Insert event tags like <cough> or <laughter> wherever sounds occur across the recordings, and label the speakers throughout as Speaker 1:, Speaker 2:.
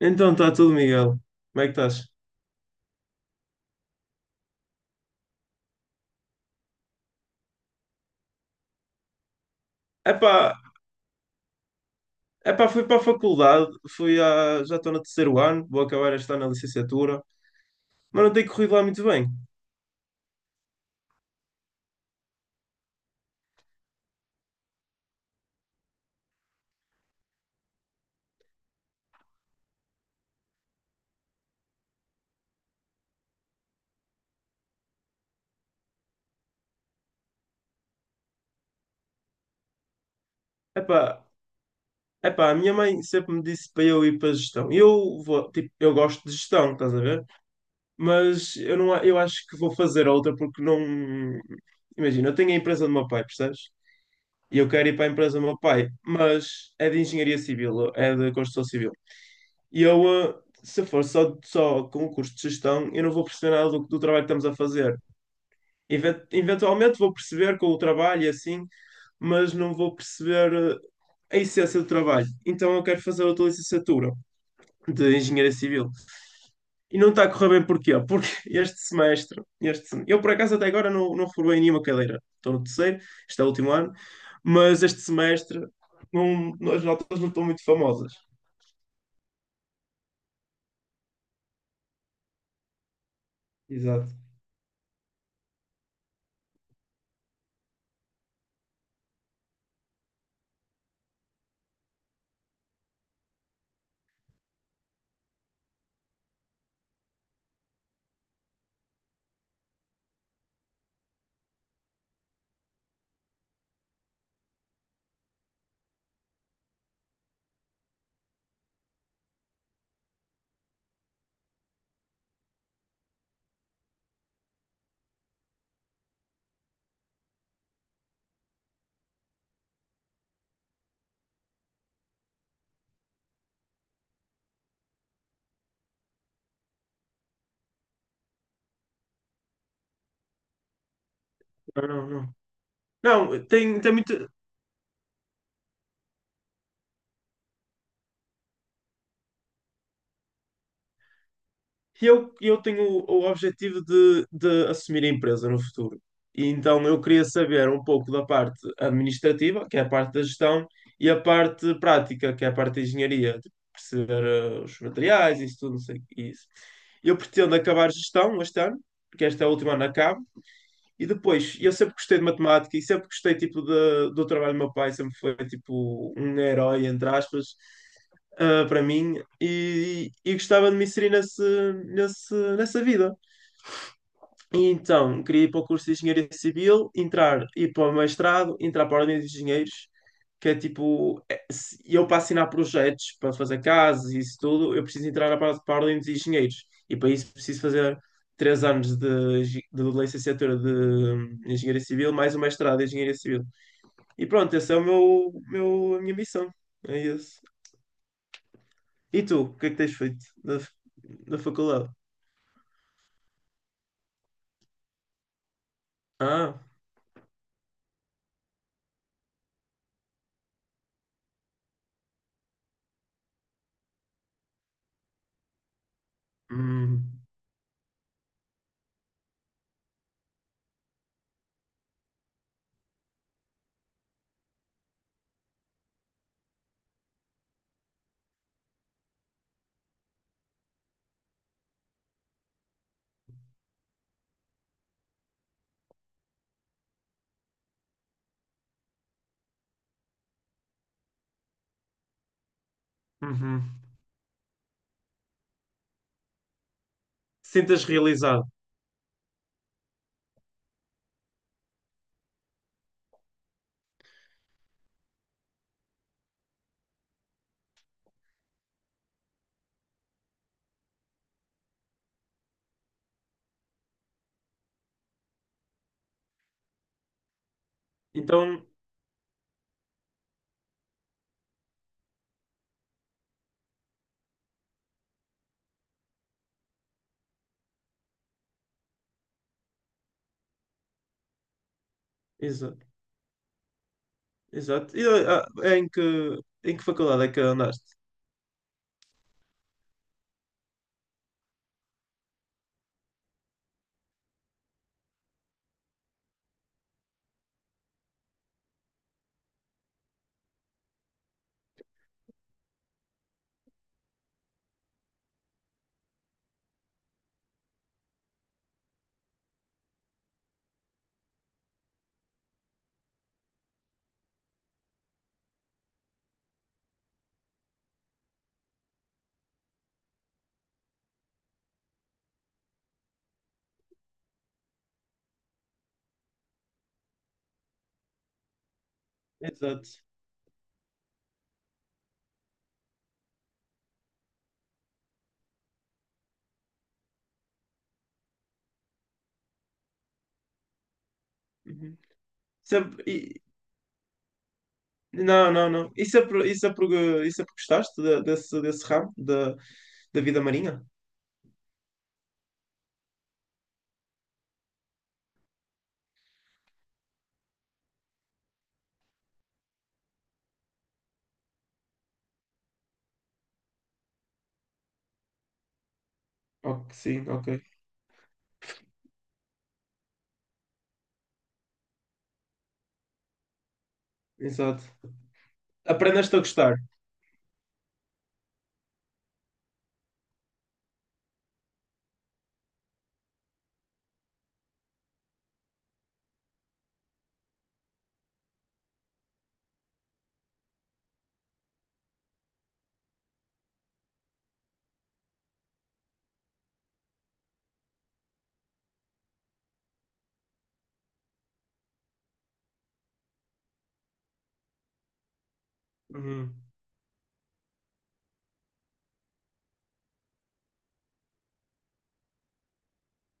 Speaker 1: Então está tudo, Miguel. Como é que estás? Epá, epá, fui para a faculdade, já estou no terceiro ano, vou acabar este ano na licenciatura, mas não tem corrido lá muito bem. Epá, epá, a minha mãe sempre me disse para eu ir para a gestão. Eu vou, tipo, eu gosto de gestão, estás a ver? Mas eu não, eu acho que vou fazer outra porque não. Imagina, eu tenho a empresa do meu pai, percebes? E eu quero ir para a empresa do meu pai, mas é de engenharia civil, é de construção civil. E eu, se for só com o curso de gestão, eu não vou perceber nada do trabalho que estamos a fazer. Eventualmente vou perceber com o trabalho e assim, mas não vou perceber a essência do trabalho. Então eu quero fazer outra licenciatura de Engenharia Civil. E não está a correr bem porquê? Porque <laughs> este semestre, este, sem- eu por acaso até agora não reprobei nenhuma cadeira. Estou no terceiro, este é o último ano, mas este semestre não, as notas não estão muito famosas. Exato. Não, não, não. Não, tem muito. E eu tenho o objetivo de assumir a empresa no futuro. E então eu queria saber um pouco da parte administrativa, que é a parte da gestão, e a parte prática, que é a parte da engenharia, de perceber os materiais, isso tudo, não sei, o que é isso. Eu pretendo acabar gestão este ano, porque este é o último ano que acabo e depois, eu sempre gostei de matemática e sempre gostei tipo do trabalho do meu pai, sempre foi tipo um herói, entre aspas, para mim, e gostava de me inserir nesse, nessa vida. E então, queria ir para o curso de Engenharia Civil, entrar, ir para o mestrado, entrar para a Ordem dos Engenheiros, que é tipo, eu para assinar projetos, para fazer casas e isso tudo, eu preciso entrar para a Ordem dos Engenheiros. E para isso preciso fazer três anos de, de licenciatura de Engenharia Civil, mais o mestrado em Engenharia Civil. E pronto, essa é o meu, a minha missão. É isso. E tu, o que é que tens feito da, da faculdade? Ah, hum, uhum. Sintas realizado. Então, exato, exato. E, ah, é em que faculdade é que andaste? Exato. Uhum. Sempre, e, Não, não, não. Isso é por, isso é porque gostaste desse, desse ramo da, da vida marinha? Ok, sim, ok. Exato. Aprendeste a gostar. Uhum.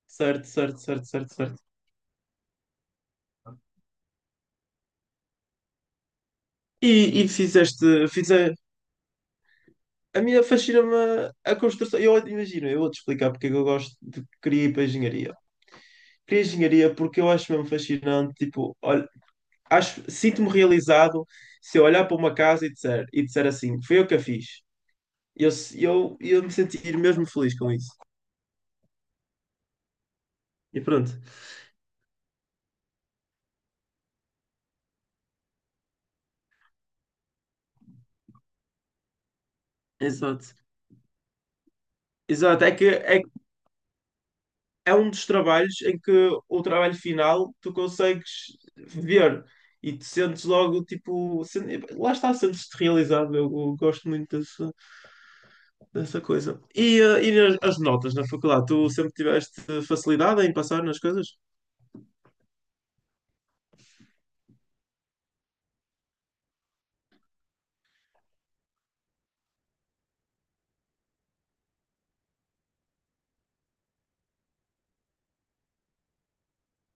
Speaker 1: Certo, certo, certo, certo, certo. E fizeste, fizeste. A minha fascina-me a construção. Eu imagino, eu vou-te explicar porque é que eu gosto de querer ir para a engenharia. Queria engenharia porque eu acho mesmo fascinante, tipo, olha, acho, sinto-me realizado se eu olhar para uma casa e disser assim, foi eu que a fiz. Eu, eu me sentir mesmo feliz com isso. E pronto. Exato. Exato. Que é um dos trabalhos em que o trabalho final tu consegues ver e te sentes logo, tipo, lá está, sentes-te realizado. Eu gosto muito disso dessa coisa. E, e as notas na faculdade? Tu sempre tiveste facilidade em passar nas coisas?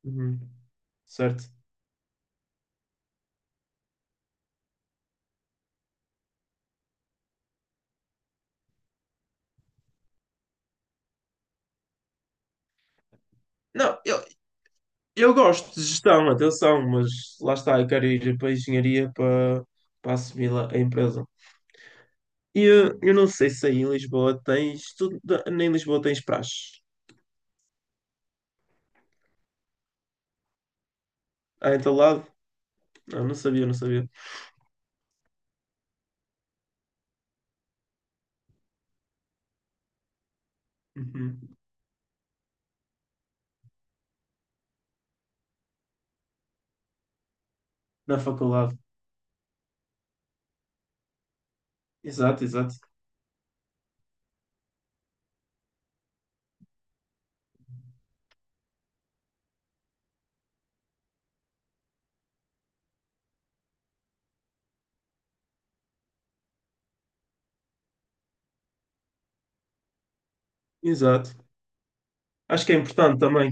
Speaker 1: Uhum. Certo. Não, eu gosto de gestão, atenção, mas lá está, eu quero ir para a engenharia para, para assumir lá a empresa. E eu não sei se aí em Lisboa tens. Tu, nem em Lisboa tens praxe. Ah, em teu lado? Não, não sabia, não sabia. Uhum. Na faculdade. Exato, exato. Exato. Acho que é importante também.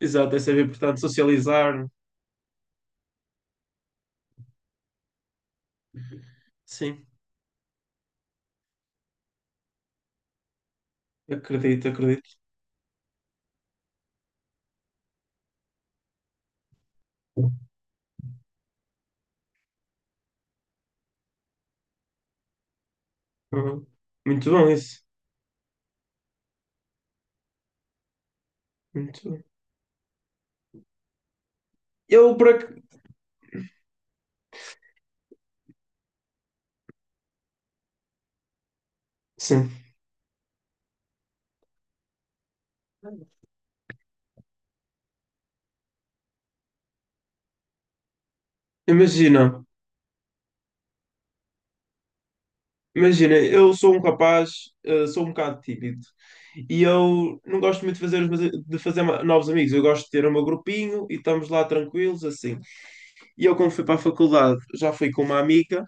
Speaker 1: Exato, é sempre importante socializar. Sim, acredito, acredito. Uhum. Muito bom isso. Muito bom. Eu por ac... Sim. Imagina, imagina, eu sou um rapaz, sou um bocado tímido. E eu não gosto muito de fazer, de fazer novos amigos. Eu gosto de ter o meu grupinho e estamos lá tranquilos, assim. E eu, quando fui para a faculdade, já fui com uma amiga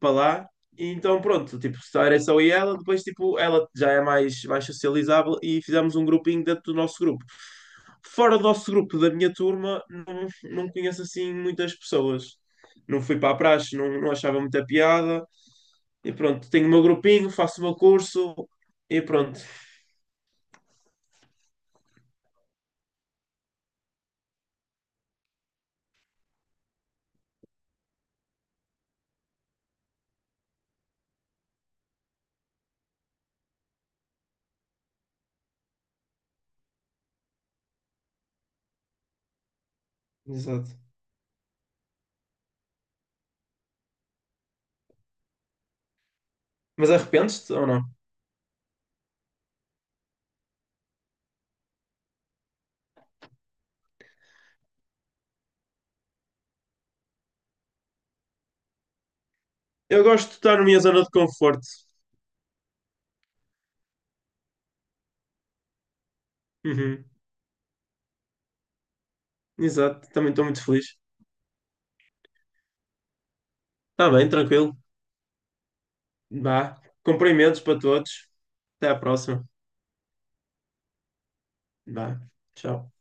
Speaker 1: para lá. E então, pronto, tipo, só era só eu e ela. Depois, tipo, ela já é mais, mais socializável e fizemos um grupinho dentro do nosso grupo. Fora do nosso grupo, da minha turma, não, não conheço, assim, muitas pessoas. Não fui para a praxe, não, não achava muita piada. E pronto, tenho o meu grupinho, faço o meu curso e pronto. Exato. Mas arrependes-te ou não? Eu gosto de estar na minha zona de conforto. Uhum, exato, também estou muito feliz. Está bem, tranquilo. Vá. Cumprimentos para todos. Até à próxima. Vá. Tchau.